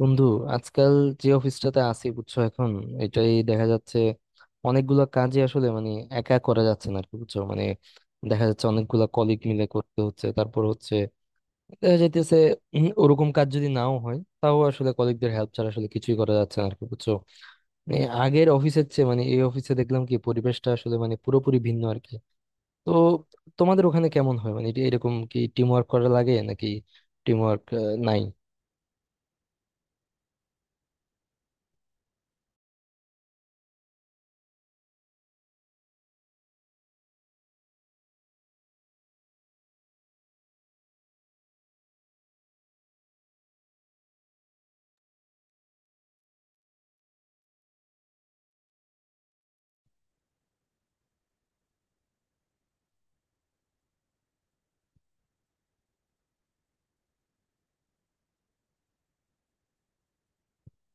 বন্ধু, আজকাল যে অফিসটাতে আছি বুঝছো, এখন এটাই দেখা যাচ্ছে অনেকগুলো কাজই আসলে একা করা যাচ্ছে না আর কি, বুঝছো। দেখা যাচ্ছে অনেকগুলো কলিগ মিলে করতে হচ্ছে, তারপর হচ্ছে দেখা যাইতেছে ওরকম কাজ যদি নাও হয় তাও আসলে কলিগদের হেল্প ছাড়া আসলে কিছুই করা যাচ্ছে না আর কি, বুঝছো। আগের অফিসের চেয়ে এই অফিসে দেখলাম কি পরিবেশটা আসলে পুরোপুরি ভিন্ন আর কি। তো তোমাদের ওখানে কেমন হয়, মানে এটা এরকম কি টিম ওয়ার্ক করা লাগে নাকি টিম ওয়ার্ক নাই?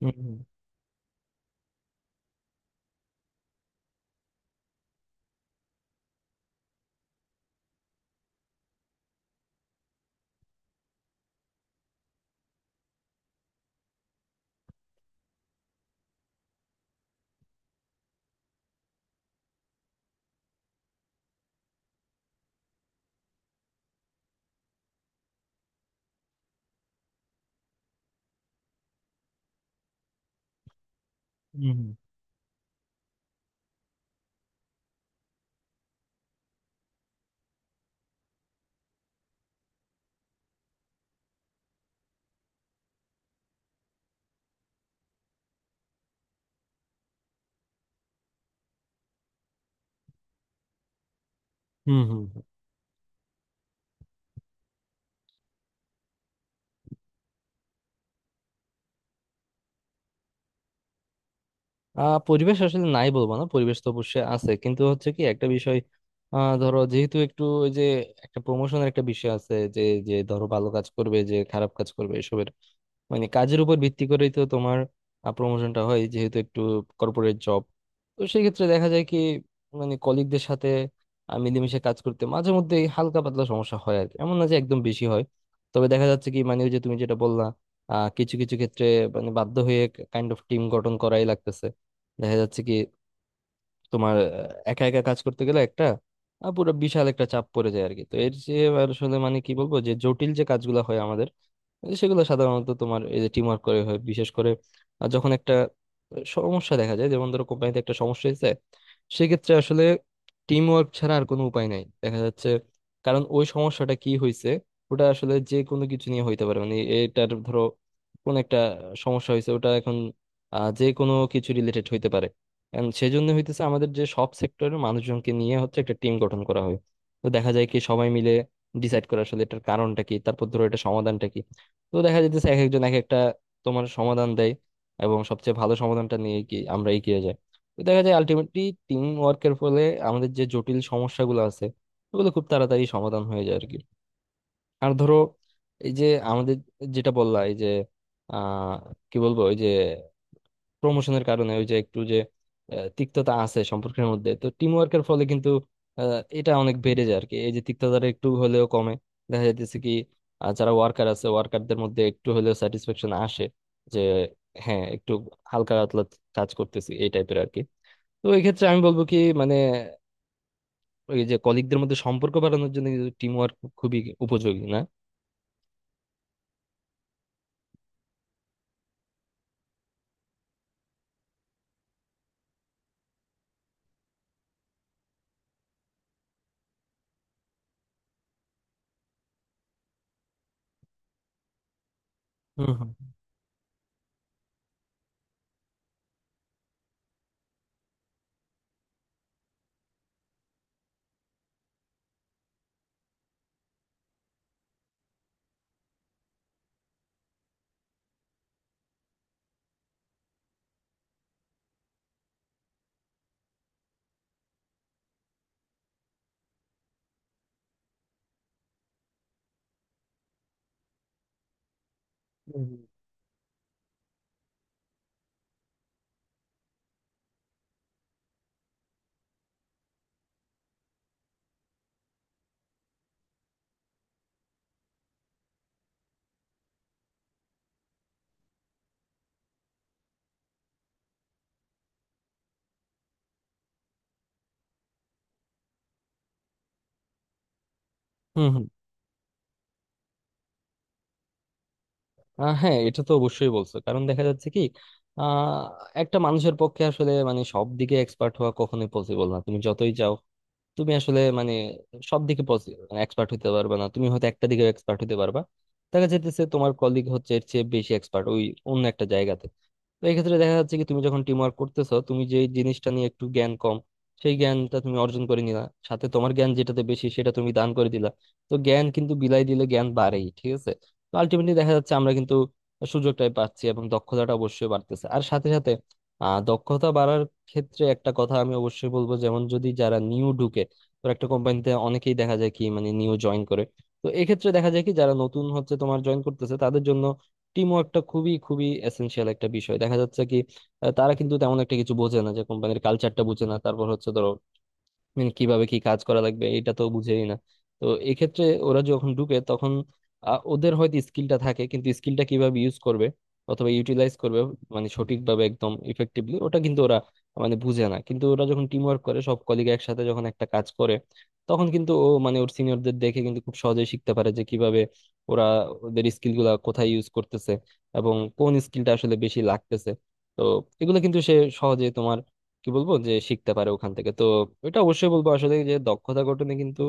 হুম। হুম। হুম। পরিবেশ আসলে নাই বলবো না, পরিবেশ তো অবশ্যই আছে, কিন্তু হচ্ছে কি একটা বিষয়, ধরো যেহেতু একটু ওই যে একটা প্রমোশনের একটা বিষয় আছে যে, ধরো ভালো কাজ করবে যে খারাপ কাজ করবে এসবের, মানে কাজের উপর ভিত্তি করেই তো তোমার প্রমোশনটা হয়, যেহেতু একটু কর্পোরেট জব। তো সেই ক্ষেত্রে দেখা যায় কি কলিগদের সাথে মিলেমিশে কাজ করতে মাঝে মধ্যে হালকা পাতলা সমস্যা হয় আর কি, এমন না যে একদম বেশি হয়। তবে দেখা যাচ্ছে কি, ওই যে তুমি যেটা বললা, কিছু কিছু ক্ষেত্রে বাধ্য হয়ে কাইন্ড অফ টিম গঠন করাই লাগতেছে। দেখা যাচ্ছে কি তোমার একা একা কাজ করতে গেলে একটা পুরো বিশাল একটা চাপ পড়ে যায় আর কি। তো এর যে আসলে কি বলবো, যে জটিল যে কাজগুলো হয় আমাদের এই সেগুলো সাধারণত তোমার এই যে টিম ওয়ার্ক করে হয়, বিশেষ করে যখন একটা সমস্যা দেখা যায়, যেমন ধরো কোম্পানিতে একটা সমস্যা হয়েছে, সেক্ষেত্রে আসলে টিম ওয়ার্ক ছাড়া আর কোনো উপায় নাই দেখা যাচ্ছে। কারণ ওই সমস্যাটা কি হয়েছে ওটা আসলে যে কোনো কিছু নিয়ে হইতে পারে, এটার ধরো কোন একটা সমস্যা হয়েছে, ওটা এখন যে কোনো কিছু রিলেটেড হইতে পারে। And সেজন্য হইতেছে আমাদের যে সব সেক্টরের মানুষজনকে নিয়ে হচ্ছে একটা টিম গঠন করা হয়। তো দেখা যায় কি সবাই মিলে ডিসাইড করা আসলে এটার কারণটা কি, তারপর ধরো এটা সমাধানটা কি। তো দেখা যাইতেছে এক একজন এক একটা তোমার সমাধান দেয়, এবং সবচেয়ে ভালো সমাধানটা নিয়ে কি আমরা এগিয়ে যাই। তো দেখা যায় আলটিমেটলি টিম ওয়ার্কের ফলে আমাদের যে জটিল সমস্যাগুলো আছে ওগুলো খুব তাড়াতাড়ি সমাধান হয়ে যায় আর কি। আর ধরো এই যে আমাদের যেটা বললা এই যে, আহ কি বলবো, ওই যে প্রমোশনের কারণে ওই যে একটু যে তিক্ততা আছে সম্পর্কের মধ্যে, তো টিম ওয়ার্কের ফলে কিন্তু এটা অনেক বেড়ে যায় আর কি, এই যে তিক্ততাটা একটু হলেও কমে। দেখা যাইতেছে কি যারা ওয়ার্কার আছে ওয়ার্কারদের মধ্যে একটু হলেও স্যাটিসফ্যাকশন আসে যে হ্যাঁ একটু হালকা পাতলা কাজ করতেছি এই টাইপের আর কি। তো এই ক্ষেত্রে আমি বলবো কি, ওই যে কলিগদের মধ্যে সম্পর্ক বাড়ানোর জন্য কিন্তু টিম ওয়ার্ক খুবই উপযোগী, না? হুম। হুম। হুম হুম হ্যাঁ, এটা তো অবশ্যই বলছো, কারণ দেখা যাচ্ছে কি আহ একটা মানুষের পক্ষে আসলে সব দিকে এক্সপার্ট হওয়া কখনোই পসিবল না, তুমি যতই চাও তুমি আসলে সব দিকে এক্সপার্ট হতে পারবে না, তুমি হয়তো একটা দিকে এক্সপার্ট হতে পারবা। দেখা যাইতেছে তোমার কলিগ হচ্ছে এর চেয়ে বেশি এক্সপার্ট ওই অন্য একটা জায়গাতে। তো এই ক্ষেত্রে দেখা যাচ্ছে কি তুমি যখন টিম ওয়ার্ক করতেছো তুমি যে জিনিসটা নিয়ে একটু জ্ঞান কম সেই জ্ঞানটা তুমি অর্জন করে নিলা, সাথে তোমার জ্ঞান যেটাতে বেশি সেটা তুমি দান করে দিলা। তো জ্ঞান কিন্তু বিলাই দিলে জ্ঞান বাড়েই, ঠিক আছে। তো আলটিমেটলি দেখা যাচ্ছে আমরা কিন্তু সুযোগটাই পাচ্ছি এবং দক্ষতাটা অবশ্যই বাড়তেছে। আর সাথে সাথে দক্ষতা বাড়ার ক্ষেত্রে একটা কথা আমি অবশ্যই বলবো, যেমন যদি যারা নিউ ঢুকে, তো একটা কোম্পানিতে অনেকেই দেখা যায় কি নিউ জয়েন করে। তো এক্ষেত্রে দেখা যায় কি যারা নতুন হচ্ছে তোমার জয়েন করতেছে তাদের জন্য টিম ওয়ার্কটা খুবই খুবই এসেনশিয়াল একটা বিষয়। দেখা যাচ্ছে কি তারা কিন্তু তেমন একটা কিছু বোঝে না, যে কোম্পানির কালচারটা বোঝে না, তারপর হচ্ছে ধরো কিভাবে কি কাজ করা লাগবে এটা তো বুঝেই না। তো এক্ষেত্রে ওরা যখন ঢুকে তখন ওদের হয়তো স্কিলটা থাকে কিন্তু স্কিলটা কিভাবে ইউজ করবে অথবা ইউটিলাইজ করবে, সঠিকভাবে একদম ইফেক্টিভলি ওটা কিন্তু ওরা বুঝে না। কিন্তু ওরা যখন টিম ওয়ার্ক করে সব কলিগ একসাথে যখন একটা কাজ করে তখন কিন্তু ও ওর সিনিয়রদের দেখে কিন্তু খুব সহজেই শিখতে পারে যে কিভাবে ওরা ওদের স্কিল গুলা কোথায় ইউজ করতেছে এবং কোন স্কিলটা আসলে বেশি লাগতেছে। তো এগুলো কিন্তু সে সহজে তোমার কি বলবো যে শিখতে পারে ওখান থেকে। তো এটা অবশ্যই বলবো আসলে যে দক্ষতা গঠনে কিন্তু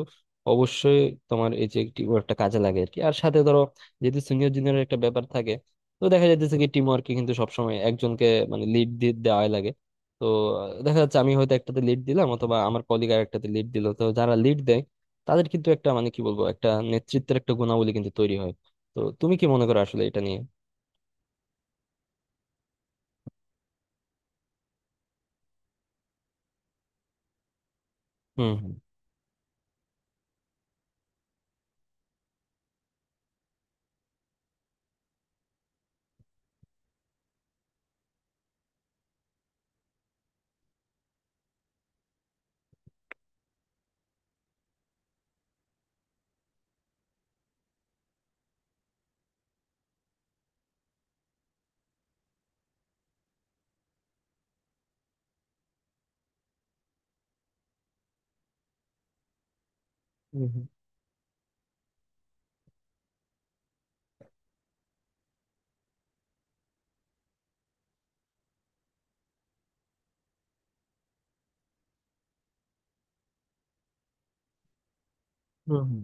অবশ্যই তোমার এই যে টিম ওয়ার্কটা কাজে লাগে আর কি। আর সাথে ধরো যেহেতু সিনিয়র জুনিয়রের একটা ব্যাপার থাকে, তো দেখা যাইতেছে কি টিম ওয়ার্কে কিন্তু সবসময় একজনকে লিড দিয়ে দেওয়াই লাগে। তো দেখা যাচ্ছে আমি হয়তো একটাতে লিড দিলাম অথবা আমার কলিগ আর একটাতে লিড দিল। তো যারা লিড দেয় তাদের কিন্তু একটা কি বলবো, একটা নেতৃত্বের একটা গুণাবলী কিন্তু তৈরি হয়। তো তুমি কি মনে করো আসলে এটা নিয়ে? হুম। হুম। হুম। হুম। হুম। হুম।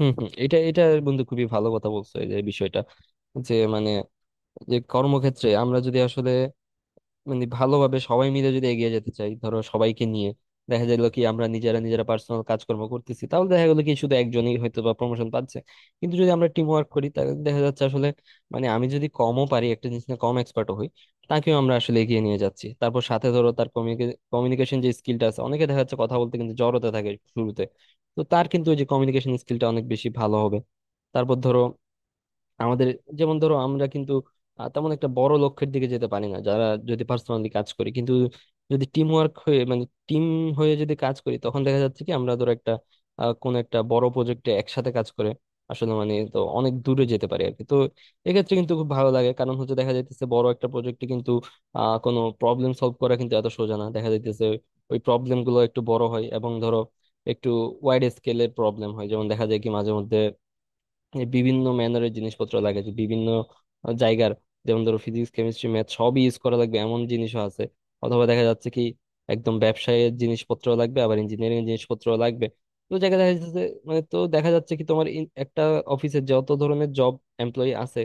হম, হম, এটা, বন্ধু খুবই ভালো কথা বলছো। এই যে বিষয়টা, যে মানে যে কর্মক্ষেত্রে আমরা যদি আসলে ভালোভাবে সবাই মিলে যদি এগিয়ে যেতে চাই ধরো সবাইকে নিয়ে, দেখা গেল কি আমরা নিজেরা নিজেরা পার্সোনাল কাজকর্ম করতেছি তাহলে দেখা গেলো কি শুধু একজনই হয়তো বা প্রমোশন পাচ্ছে। কিন্তু যদি আমরা টিম ওয়ার্ক করি তাহলে দেখা যাচ্ছে আসলে আমি যদি কমও পারি একটা জিনিস নিয়ে কম এক্সপার্টও হই, তাকেও আমরা আসলে এগিয়ে নিয়ে যাচ্ছি। তারপর সাথে ধরো তার কমিউনিকেশন যে স্কিলটা আছে, অনেকে দেখা যাচ্ছে কথা বলতে কিন্তু জড়তা থাকে শুরুতে, তো তার কিন্তু ওই যে কমিউনিকেশন স্কিলটা অনেক বেশি ভালো হবে। তারপর ধরো আমাদের যেমন ধরো আমরা কিন্তু তেমন একটা বড় লক্ষ্যের দিকে যেতে পারি না যারা যদি পার্সোনালি কাজ করি। কিন্তু যদি টিম ওয়ার্ক হয়ে টিম হয়ে যদি কাজ করি তখন দেখা যাচ্ছে কি আমরা ধরো একটা কোনো একটা বড় প্রজেক্টে একসাথে কাজ করে আসলে তো অনেক দূরে যেতে পারি আর কি। তো এক্ষেত্রে কিন্তু খুব ভালো লাগে কারণ হচ্ছে দেখা যাইতেছে বড় একটা প্রজেক্টে কিন্তু কোনো প্রবলেম সলভ করা কিন্তু এত সোজা না। দেখা যাইতেছে ওই প্রবলেম গুলো একটু বড় হয় এবং ধরো একটু ওয়াইড স্কেলের প্রবলেম হয়, যেমন দেখা যায় কি মাঝে মধ্যে যে বিভিন্ন ম্যানারের জিনিসপত্র লাগে, যে বিভিন্ন জায়গার যেমন ধরো ফিজিক্স কেমিস্ট্রি ম্যাথ সবই ইউজ করা লাগবে এমন জিনিসও আছে, অথবা দেখা যাচ্ছে কি একদম ব্যবসায়ের জিনিসপত্র লাগবে, আবার ইঞ্জিনিয়ারিং জিনিসপত্র লাগবে। তো দেখা দেখা যাচ্ছে মানে তো দেখা যাচ্ছে কি তোমার একটা অফিসে যত ধরনের এমপ্লয়ি আছে,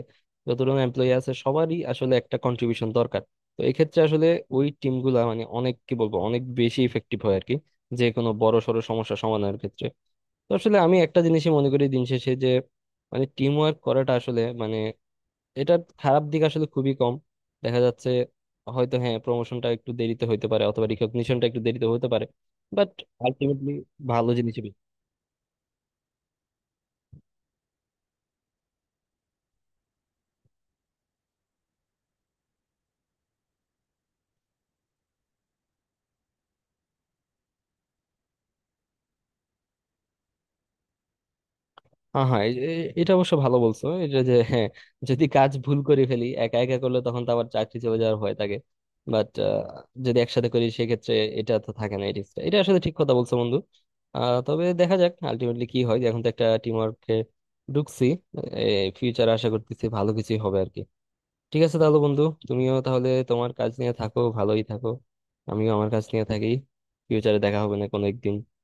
যত ধরনের এমপ্লয়ি আছে সবারই আসলে একটা কন্ট্রিবিউশন দরকার। তো এক্ষেত্রে আসলে ওই টিমগুলা অনেক কি বলবো অনেক বেশি ইফেক্টিভ হয় আর কি, যে কোনো বড় সড়ো সমস্যা সমাধানের ক্ষেত্রে। তো আসলে আমি একটা জিনিসই মনে করি দিন শেষে যে টিম ওয়ার্ক করাটা আসলে এটার খারাপ দিক আসলে খুবই কম দেখা যাচ্ছে। হয়তো হ্যাঁ প্রমোশনটা একটু দেরিতে হইতে পারে অথবা রিকগনিশনটা একটু দেরিতে হতে পারে, বাট আলটিমেটলি ভালো জিনিস। হ্যাঁ, হ্যাঁ, এটা অবশ্য ভালো বলছো, এটা যে হ্যাঁ, যদি কাজ ভুল করে ফেলি একা একা করলে তখন তো আবার চাকরি চলে যাওয়ার ভয় থাকে, বাট যদি একসাথে করি সেক্ষেত্রে এটা তো থাকে না এই রিস্কটা। এটা আসলে ঠিক কথা বলছো বন্ধু। তবে দেখা যাক আলটিমেটলি কি হয়, এখন তো একটা টিম ওয়ার্কে ঢুকছি, ফিউচার আশা করতেছি ভালো কিছুই হবে আর কি। ঠিক আছে তাহলে বন্ধু, তুমিও তাহলে তোমার কাজ নিয়ে থাকো, ভালোই থাকো, আমিও আমার কাজ নিয়ে থাকি। ফিউচারে দেখা হবে না কোনো একদিন।